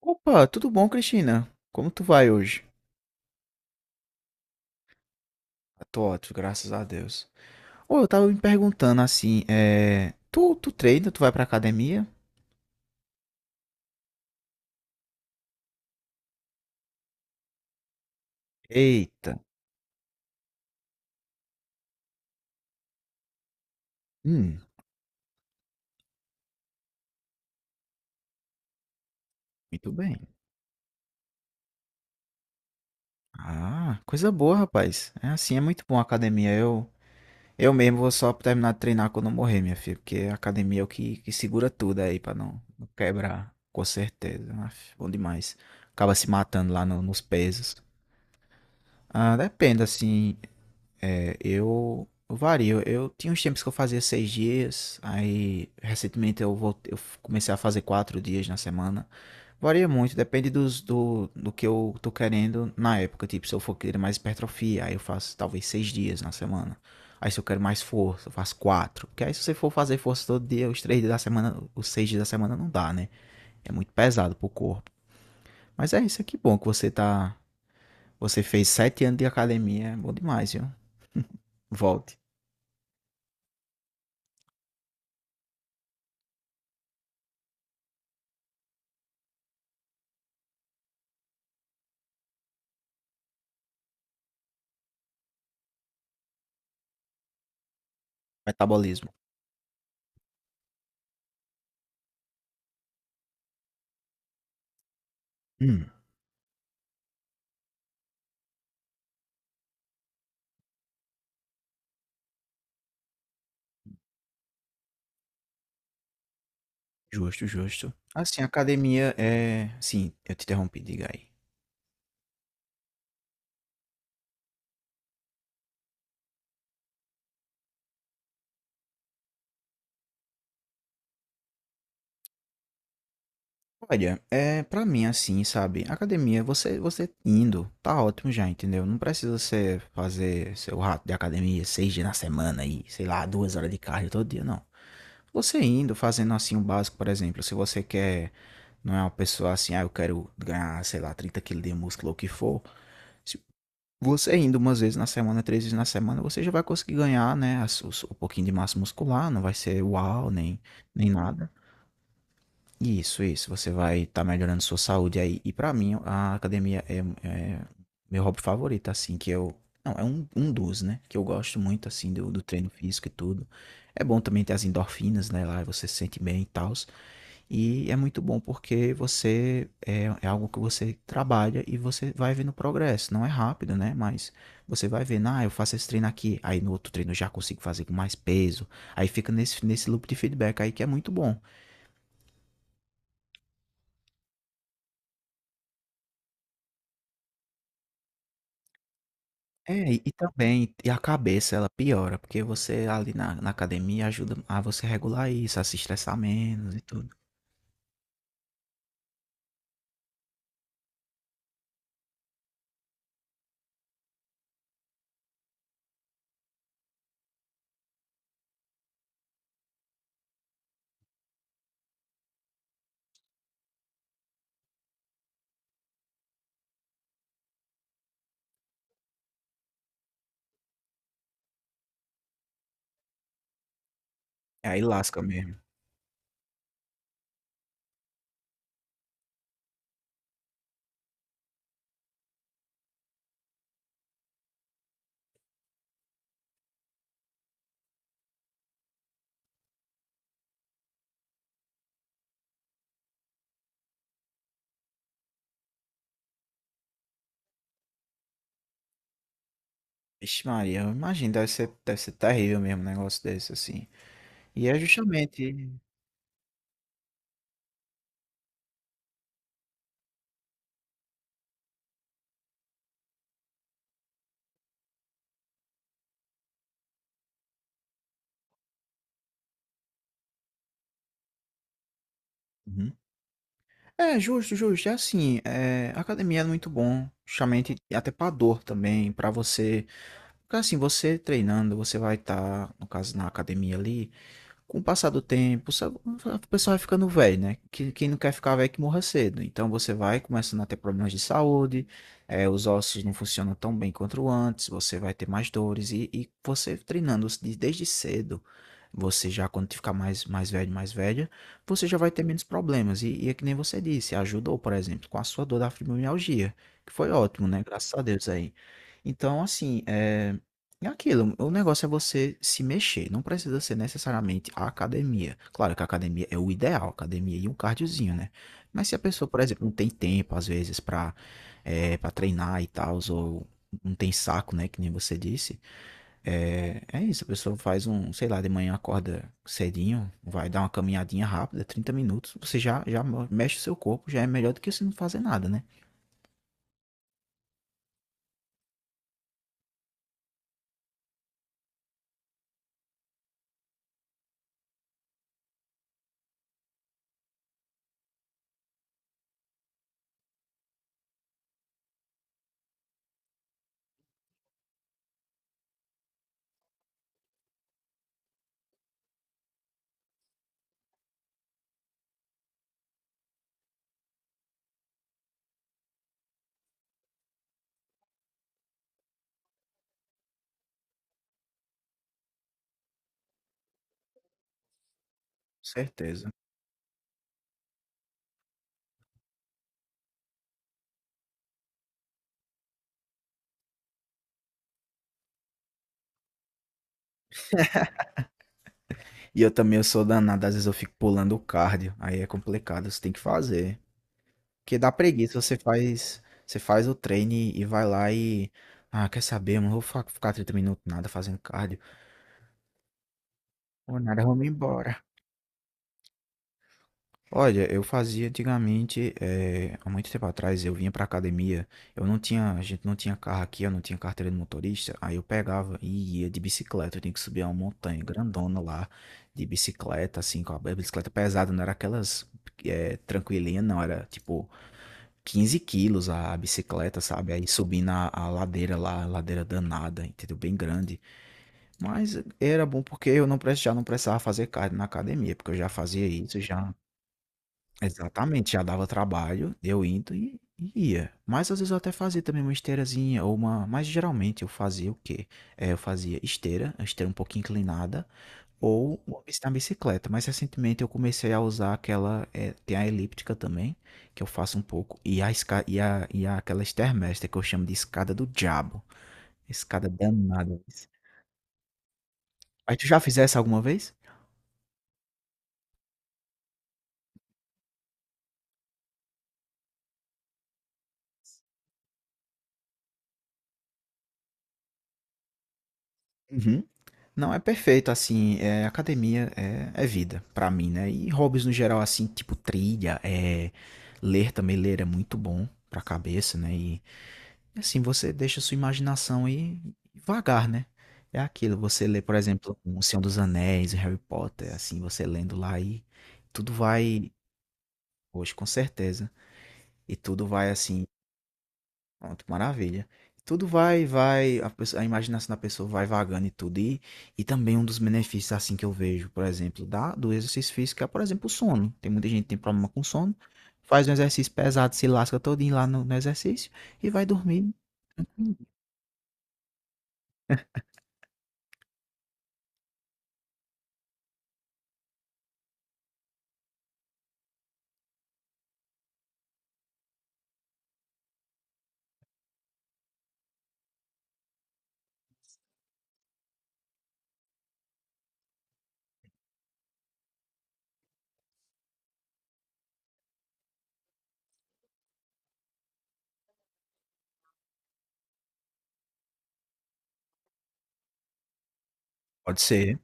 Opa, tudo bom, Cristina? Como tu vai hoje? Eu tô ótimo, graças a Deus. Ô, eu tava me perguntando assim, tu treina, tu vai pra academia? Eita. Hum, muito bem. Ah, coisa boa, rapaz. É assim, é muito bom a academia. Eu mesmo vou só terminar de treinar quando eu morrer, minha filha, porque a academia é que segura tudo aí pra não quebrar, com certeza. Aff, bom demais. Acaba se matando lá no- nos pesos. Ah, depende, assim. É, eu vario. Eu tinha uns tempos que eu fazia seis dias, aí recentemente eu voltei, eu comecei a fazer quatro dias na semana. Varia muito, depende do que eu tô querendo na época. Tipo, se eu for querer mais hipertrofia, aí eu faço talvez seis dias na semana. Aí se eu quero mais força, eu faço quatro. Porque aí se você for fazer força todo dia, os três dias da semana, os seis dias da semana não dá, né? É muito pesado pro corpo. Mas é isso aqui, bom que você tá. Você fez sete anos de academia, é bom demais, viu? Volte. Metabolismo. Hum, justo, justo. Assim, a academia é. Sim, eu te interrompi, diga aí. Olha, é pra mim assim, sabe? Academia, você indo, tá ótimo já, entendeu? Não precisa você fazer seu rato de academia seis dias na semana e, sei lá, duas horas de cardio todo dia, não. Você indo, fazendo assim o básico, por exemplo, se você quer, não é uma pessoa assim, ah, eu quero ganhar, sei lá, 30 quilos de músculo ou o que for, se você indo umas vezes na semana, três vezes na semana, você já vai conseguir ganhar, né, um pouquinho de massa muscular, não vai ser uau, nem, nem nada. Isso, você vai estar melhorando sua saúde aí. E pra mim, é meu hobby favorito, assim, que eu... Não, é um dos, né, que eu gosto muito, assim, do treino físico e tudo. É bom também ter as endorfinas, né, lá, e você se sente bem e tal. E é muito bom porque é algo que você trabalha e você vai vendo progresso. Não é rápido, né? Mas você vai vendo, ah, eu faço esse treino aqui, aí no outro treino eu já consigo fazer com mais peso. Aí fica nesse loop de feedback aí que é muito bom. É, também, e a cabeça ela piora, porque você ali na academia ajuda a você regular isso, a se estressar menos e tudo. Aí lasca mesmo. Vixe Maria, eu imagino, deve ser terrível mesmo um negócio desse, assim. E é justamente. Uhum. É, justo, justo. É assim, é, a academia é muito bom, justamente até pra dor também, pra você. Porque assim, você treinando, você vai estar, no caso, na academia ali, com o passar do tempo, sabe, a pessoa vai ficando velho, né? Quem não quer ficar velho que morra cedo. Então você vai começando a ter problemas de saúde, os ossos não funcionam tão bem quanto antes, você vai ter mais dores. E você treinando desde cedo, você já, quando ficar mais velho, mais velha, você já vai ter menos problemas. E é que nem você disse, ajudou, por exemplo, com a sua dor da fibromialgia, que foi ótimo, né? Graças a Deus aí. Então, assim, é. É aquilo, o negócio é você se mexer, não precisa ser necessariamente a academia. Claro que a academia é o ideal, academia e um cardiozinho, né? Mas se a pessoa, por exemplo, não tem tempo, às vezes, pra, pra treinar e tal, ou não tem saco, né, que nem você disse, é, é isso, a pessoa faz um, sei lá, de manhã acorda cedinho, vai dar uma caminhadinha rápida, 30 minutos, já mexe o seu corpo, já é melhor do que você não fazer nada, né? Certeza. E eu também eu sou danado, às vezes eu fico pulando o cardio, aí é complicado, você tem que fazer. Porque dá preguiça, você faz o treino e vai lá e ah, quer saber, mano, ficar 30 minutos nada fazendo cardio. Ou nada, vamos embora. Olha, eu fazia antigamente, há muito tempo atrás, eu vinha pra academia, eu não tinha, a gente não tinha carro aqui, eu não tinha carteira de motorista, aí eu pegava e ia de bicicleta, eu tinha que subir uma montanha grandona lá, de bicicleta, assim, com a bicicleta pesada, não era aquelas tranquilinha, não, era tipo 15 quilos a bicicleta, sabe? Aí subindo a ladeira lá, a ladeira danada, entendeu? Bem grande. Mas era bom porque eu não, pre- já não precisava fazer cardio na academia, porque eu já fazia isso, já. Exatamente, já dava trabalho, eu indo e ia. Mas às vezes eu até fazia também uma esteirazinha ou uma. Mas geralmente eu fazia o quê? É, eu fazia esteira, a esteira um pouquinho inclinada, ou na bicicleta. Mas recentemente eu comecei a usar aquela. É, tem a elíptica também, que eu faço um pouco, e a, esca... e a aquela stairmaster que eu chamo de escada do diabo. Escada danada. Mas tu já fizesse alguma vez? Uhum. Não, é perfeito, assim, é, é vida pra mim, né? E hobbies no geral, assim, tipo trilha, é, ler também, ler é muito bom pra cabeça, né? E assim, você deixa sua imaginação aí vagar, né? É aquilo, você lê, por exemplo, O Senhor dos Anéis, Harry Potter, assim, você lendo lá e tudo vai, hoje com certeza, e tudo vai, assim. Pronto, maravilha. Tudo vai, a imaginação da pessoa vai vagando e tudo. E também um dos benefícios, assim, que eu vejo, por exemplo, do exercício físico é, por exemplo, o sono. Tem muita gente que tem problema com sono, faz um exercício pesado, se lasca todinho lá no exercício e vai dormir. Hum, Pode ser.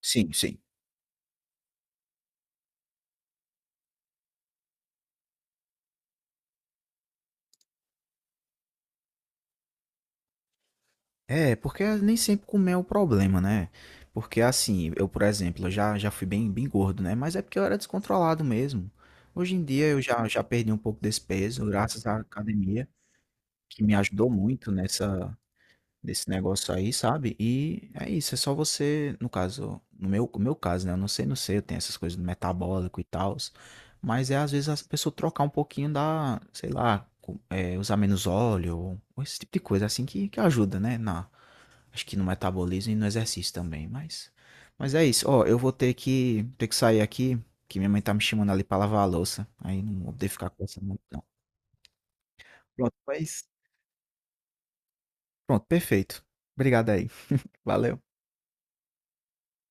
Sim, sim. É, porque nem sempre comer é o problema, né? Porque, assim, eu, por exemplo, já fui bem gordo, né? Mas é porque eu era descontrolado mesmo. Hoje em dia já perdi um pouco desse peso, graças à academia, que me ajudou muito nessa nesse negócio aí, sabe? E é isso, é só você, no caso, no meu caso, né? Eu não sei, eu tenho essas coisas do metabólico e tal, mas é às vezes a pessoa trocar um pouquinho da, sei lá, é, usar menos óleo, ou esse tipo de coisa assim que ajuda, né? Na, acho que no metabolismo e no exercício também, mas é isso. Ó, eu vou ter que sair aqui, que minha mãe tá me chamando ali pra lavar a louça. Aí não vou poder ficar conversando muito, não. Pronto, mas pronto, perfeito. Obrigado aí. Valeu.